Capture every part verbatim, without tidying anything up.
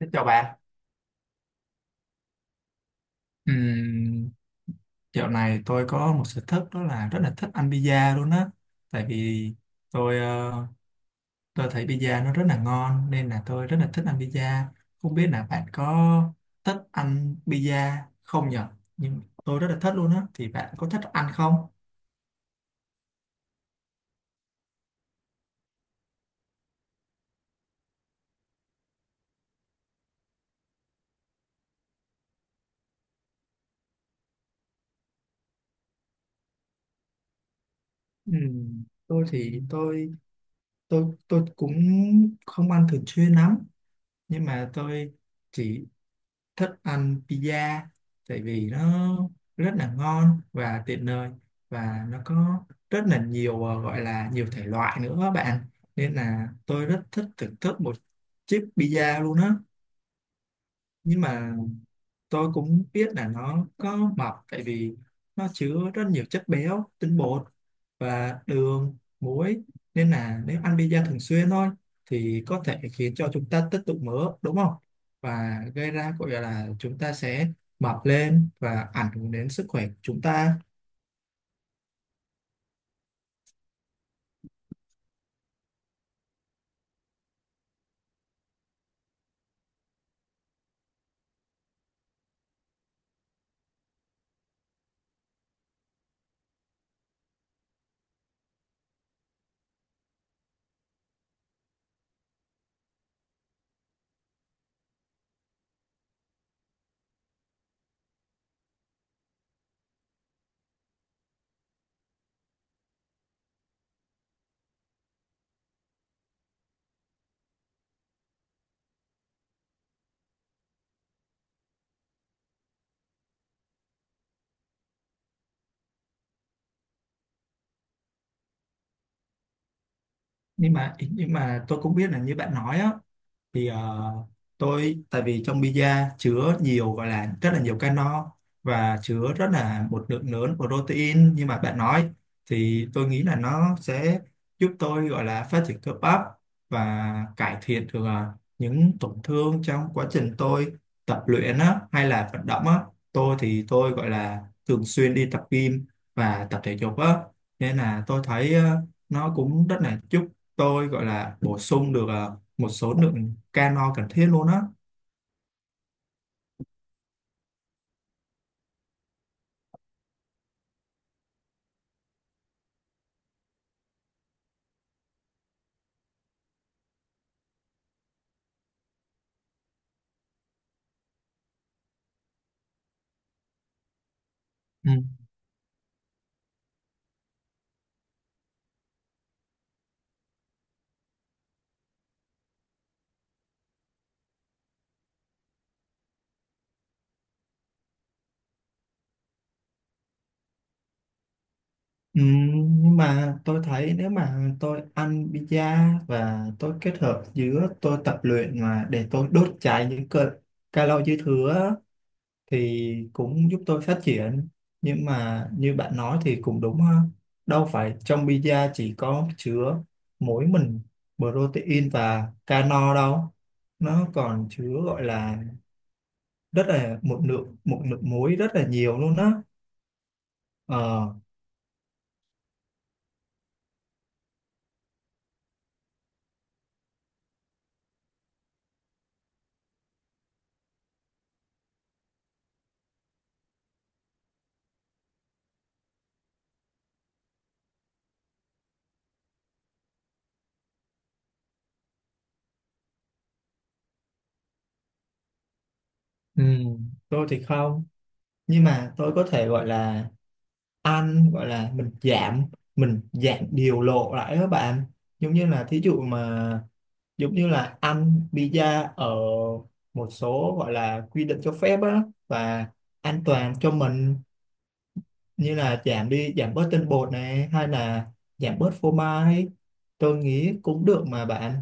Xin chào bạn. Ừm, Dạo này tôi có một sở thích đó là rất là thích ăn pizza luôn á. Tại vì tôi ờ, tôi thấy pizza nó rất là ngon nên là tôi rất là thích ăn pizza. Không biết là bạn có thích ăn pizza không nhở? Nhưng tôi rất là thích luôn á. Thì bạn có thích ăn không? Ừm, tôi thì tôi tôi tôi cũng không ăn thường xuyên lắm nhưng mà tôi chỉ thích ăn pizza tại vì nó rất là ngon và tiện lợi và nó có rất là nhiều ờ, gọi là nhiều thể loại nữa các bạn, nên là tôi rất thích thưởng thức một chiếc pizza luôn á. Nhưng mà tôi cũng biết là nó có mập tại vì nó chứa rất nhiều chất béo, tinh bột và đường muối, nên là nếu ăn pizza thường xuyên thôi thì có thể khiến cho chúng ta tích tụ mỡ, đúng không, và gây ra gọi là chúng ta sẽ mập lên và ảnh hưởng đến sức khỏe của chúng ta. Nhưng mà nhưng mà tôi cũng biết là như bạn nói á, thì ờ, tôi tại vì trong pizza chứa nhiều gọi là rất là nhiều calo và chứa rất là một lượng lớn protein như mà bạn nói, thì tôi nghĩ là nó sẽ giúp tôi gọi là phát triển cơ bắp và cải thiện được ờ, những tổn thương trong quá trình tôi tập luyện á, hay là vận động á. Tôi thì tôi gọi là thường xuyên đi tập gym và tập thể dục á, nên là tôi thấy ờ, nó cũng rất là giúp tôi gọi là bổ sung được ờ, một số lượng calo cần thiết luôn á. Ừ. Ừ, nhưng mà tôi thấy nếu mà tôi ăn pizza và tôi kết hợp giữa tôi tập luyện mà để tôi đốt cháy những calo calo dư thừa á, thì cũng giúp tôi phát triển. Nhưng mà như bạn nói thì cũng đúng ha, đâu phải trong pizza chỉ có chứa mỗi mình protein và calo đâu, nó còn chứa gọi là rất là một lượng một lượng muối rất là nhiều luôn á. Ờ. Ừ, tôi thì không, nhưng mà tôi có thể gọi là ăn gọi là mình giảm mình giảm điều lộ lại các bạn, giống như là thí dụ mà giống như là ăn pizza ở một số gọi là quy định cho phép á và an toàn cho mình, như là giảm đi giảm bớt tinh bột này hay là giảm bớt phô mai, tôi nghĩ cũng được mà bạn.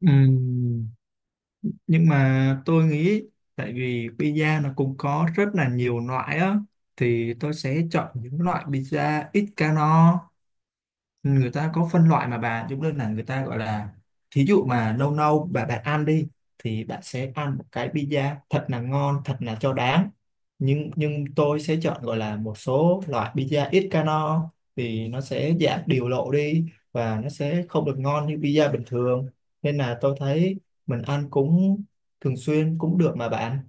Ừ. Nhưng mà tôi nghĩ tại vì pizza nó cũng có rất là nhiều loại á, thì tôi sẽ chọn những loại pizza ít calo. Người ta có phân loại mà bà, giống như là người ta gọi là thí dụ mà lâu lâu bà bạn ăn đi thì bạn sẽ ăn một cái pizza thật là ngon thật là cho đáng, nhưng nhưng tôi sẽ chọn gọi là một số loại pizza ít calo thì nó sẽ giảm điều lộ đi và nó sẽ không được ngon như pizza bình thường, nên là tôi thấy mình ăn cũng thường xuyên cũng được mà bạn.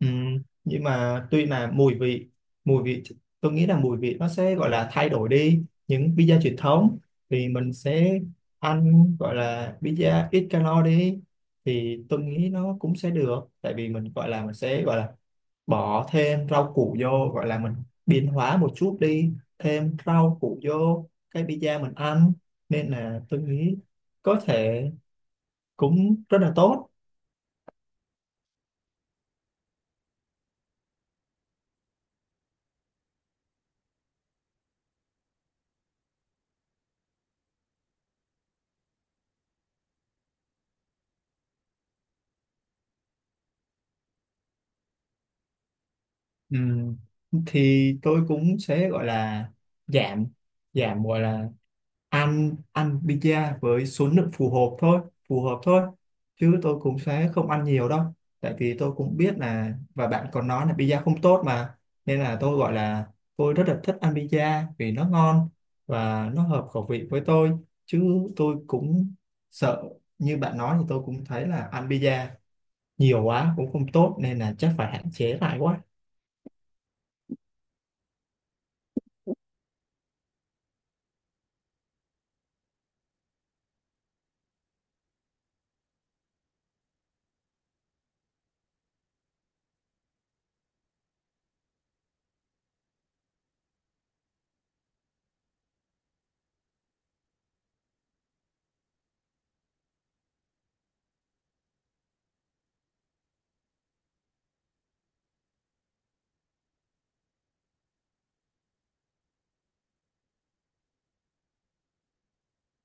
Ừ, nhưng mà tuy là mùi vị mùi vị tôi nghĩ là mùi vị nó sẽ gọi là thay đổi đi những pizza truyền thống thì mình sẽ ăn gọi là pizza ít calo đi, thì tôi nghĩ nó cũng sẽ được tại vì mình gọi là mình sẽ gọi là bỏ thêm rau củ vô, gọi là mình biến hóa một chút đi, thêm rau củ vô cái pizza mình ăn, nên là tôi nghĩ có thể cũng rất là tốt. Ừ, thì tôi cũng sẽ gọi là giảm giảm gọi là ăn ăn pizza với số lượng phù hợp thôi phù hợp thôi chứ tôi cũng sẽ không ăn nhiều đâu, tại vì tôi cũng biết là và bạn còn nói là pizza không tốt mà, nên là tôi gọi là tôi rất là thích ăn pizza vì nó ngon và nó hợp khẩu vị với tôi, chứ tôi cũng sợ như bạn nói thì tôi cũng thấy là ăn pizza nhiều quá cũng không tốt, nên là chắc phải hạn chế lại quá.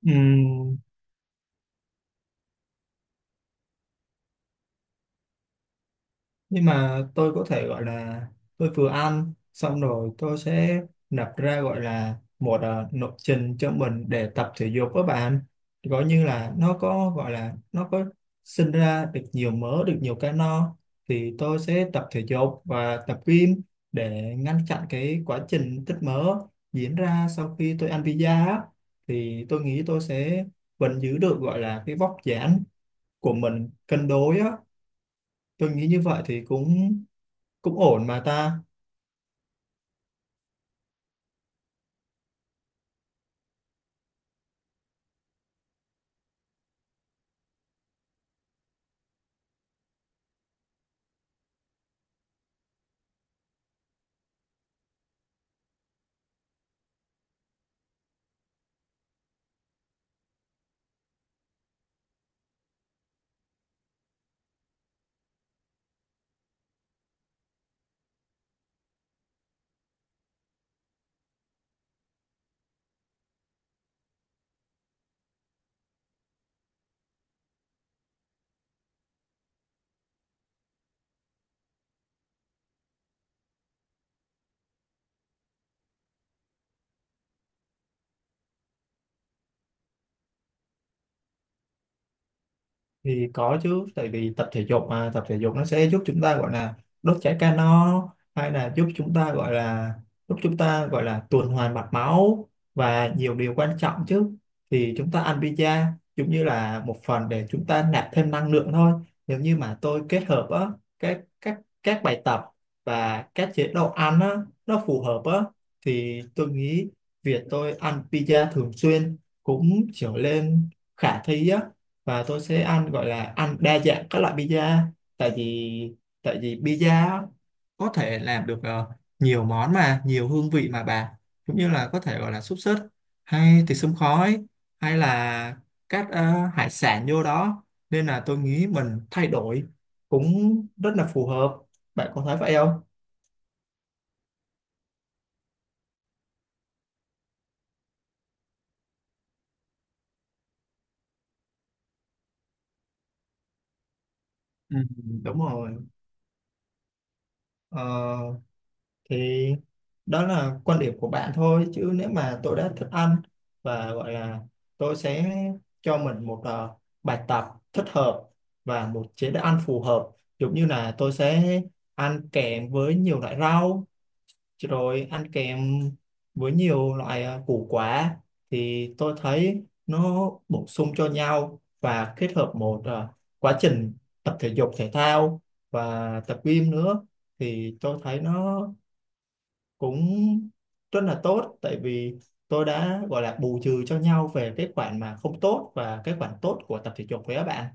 Ừm, nhưng mà tôi có thể gọi là tôi vừa ăn xong rồi tôi sẽ nạp ra gọi là một uh, lộ trình cho mình để tập thể dục với bạn, gọi như là nó có gọi là nó có sinh ra được nhiều mỡ được nhiều calo, thì tôi sẽ tập thể dục và tập gym để ngăn chặn cái quá trình tích mỡ diễn ra sau khi tôi ăn pizza á. Thì tôi nghĩ tôi sẽ vẫn giữ được gọi là cái vóc dáng của mình cân đối á, tôi nghĩ như vậy thì cũng cũng ổn mà ta. Thì có chứ, tại vì tập thể dục mà tập thể dục nó sẽ giúp chúng ta gọi là đốt cháy calo hay là giúp chúng ta gọi là giúp chúng ta gọi là tuần hoàn mạch máu và nhiều điều quan trọng chứ. Thì chúng ta ăn pizza giống như là một phần để chúng ta nạp thêm năng lượng thôi, nếu như mà tôi kết hợp á các các các bài tập và các chế độ ăn á nó phù hợp á, thì tôi nghĩ việc tôi ăn pizza thường xuyên cũng trở lên khả thi á, và tôi sẽ ăn gọi là ăn đa dạng các loại pizza, tại vì tại vì pizza có thể làm được ờ, nhiều món mà nhiều hương vị mà bà, cũng như là có thể gọi là xúc xích hay thịt xông khói hay là các ờ, hải sản vô đó, nên là tôi nghĩ mình thay đổi cũng rất là phù hợp, bạn có thấy vậy không? Ừ, đúng rồi. Ờ, thì đó là quan điểm của bạn thôi, chứ nếu mà tôi đã thích ăn và gọi là tôi sẽ cho mình một ờ, bài tập thích hợp và một chế độ ăn phù hợp, giống như là tôi sẽ ăn kèm với nhiều loại rau rồi ăn kèm với nhiều loại ờ, củ quả, thì tôi thấy nó bổ sung cho nhau và kết hợp một ờ, quá trình tập thể dục thể thao và tập gym nữa, thì tôi thấy nó cũng rất là tốt, tại vì tôi đã gọi là bù trừ cho nhau về cái khoản mà không tốt và cái khoản tốt của tập thể dục với các bạn.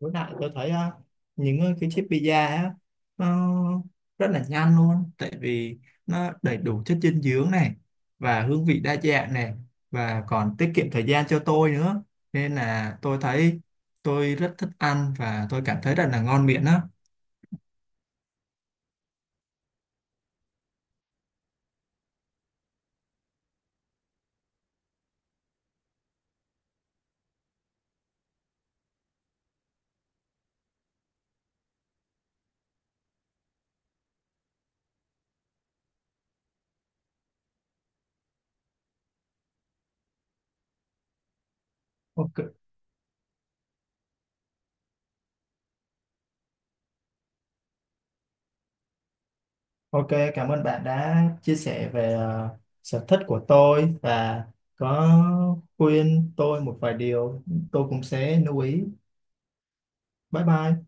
Với lại tôi thấy ờ, những ờ, cái chiếc pizza á nó rất là nhanh luôn, tại vì nó đầy đủ chất dinh dưỡng này và hương vị đa dạng này và còn tiết kiệm thời gian cho tôi nữa, nên là tôi thấy tôi rất thích ăn và tôi cảm thấy rất là ngon miệng á. Ok. Ok, cảm ơn bạn đã chia sẻ về ờ, sở thích của tôi và có khuyên tôi một vài điều, tôi cũng sẽ lưu ý. Bye bye.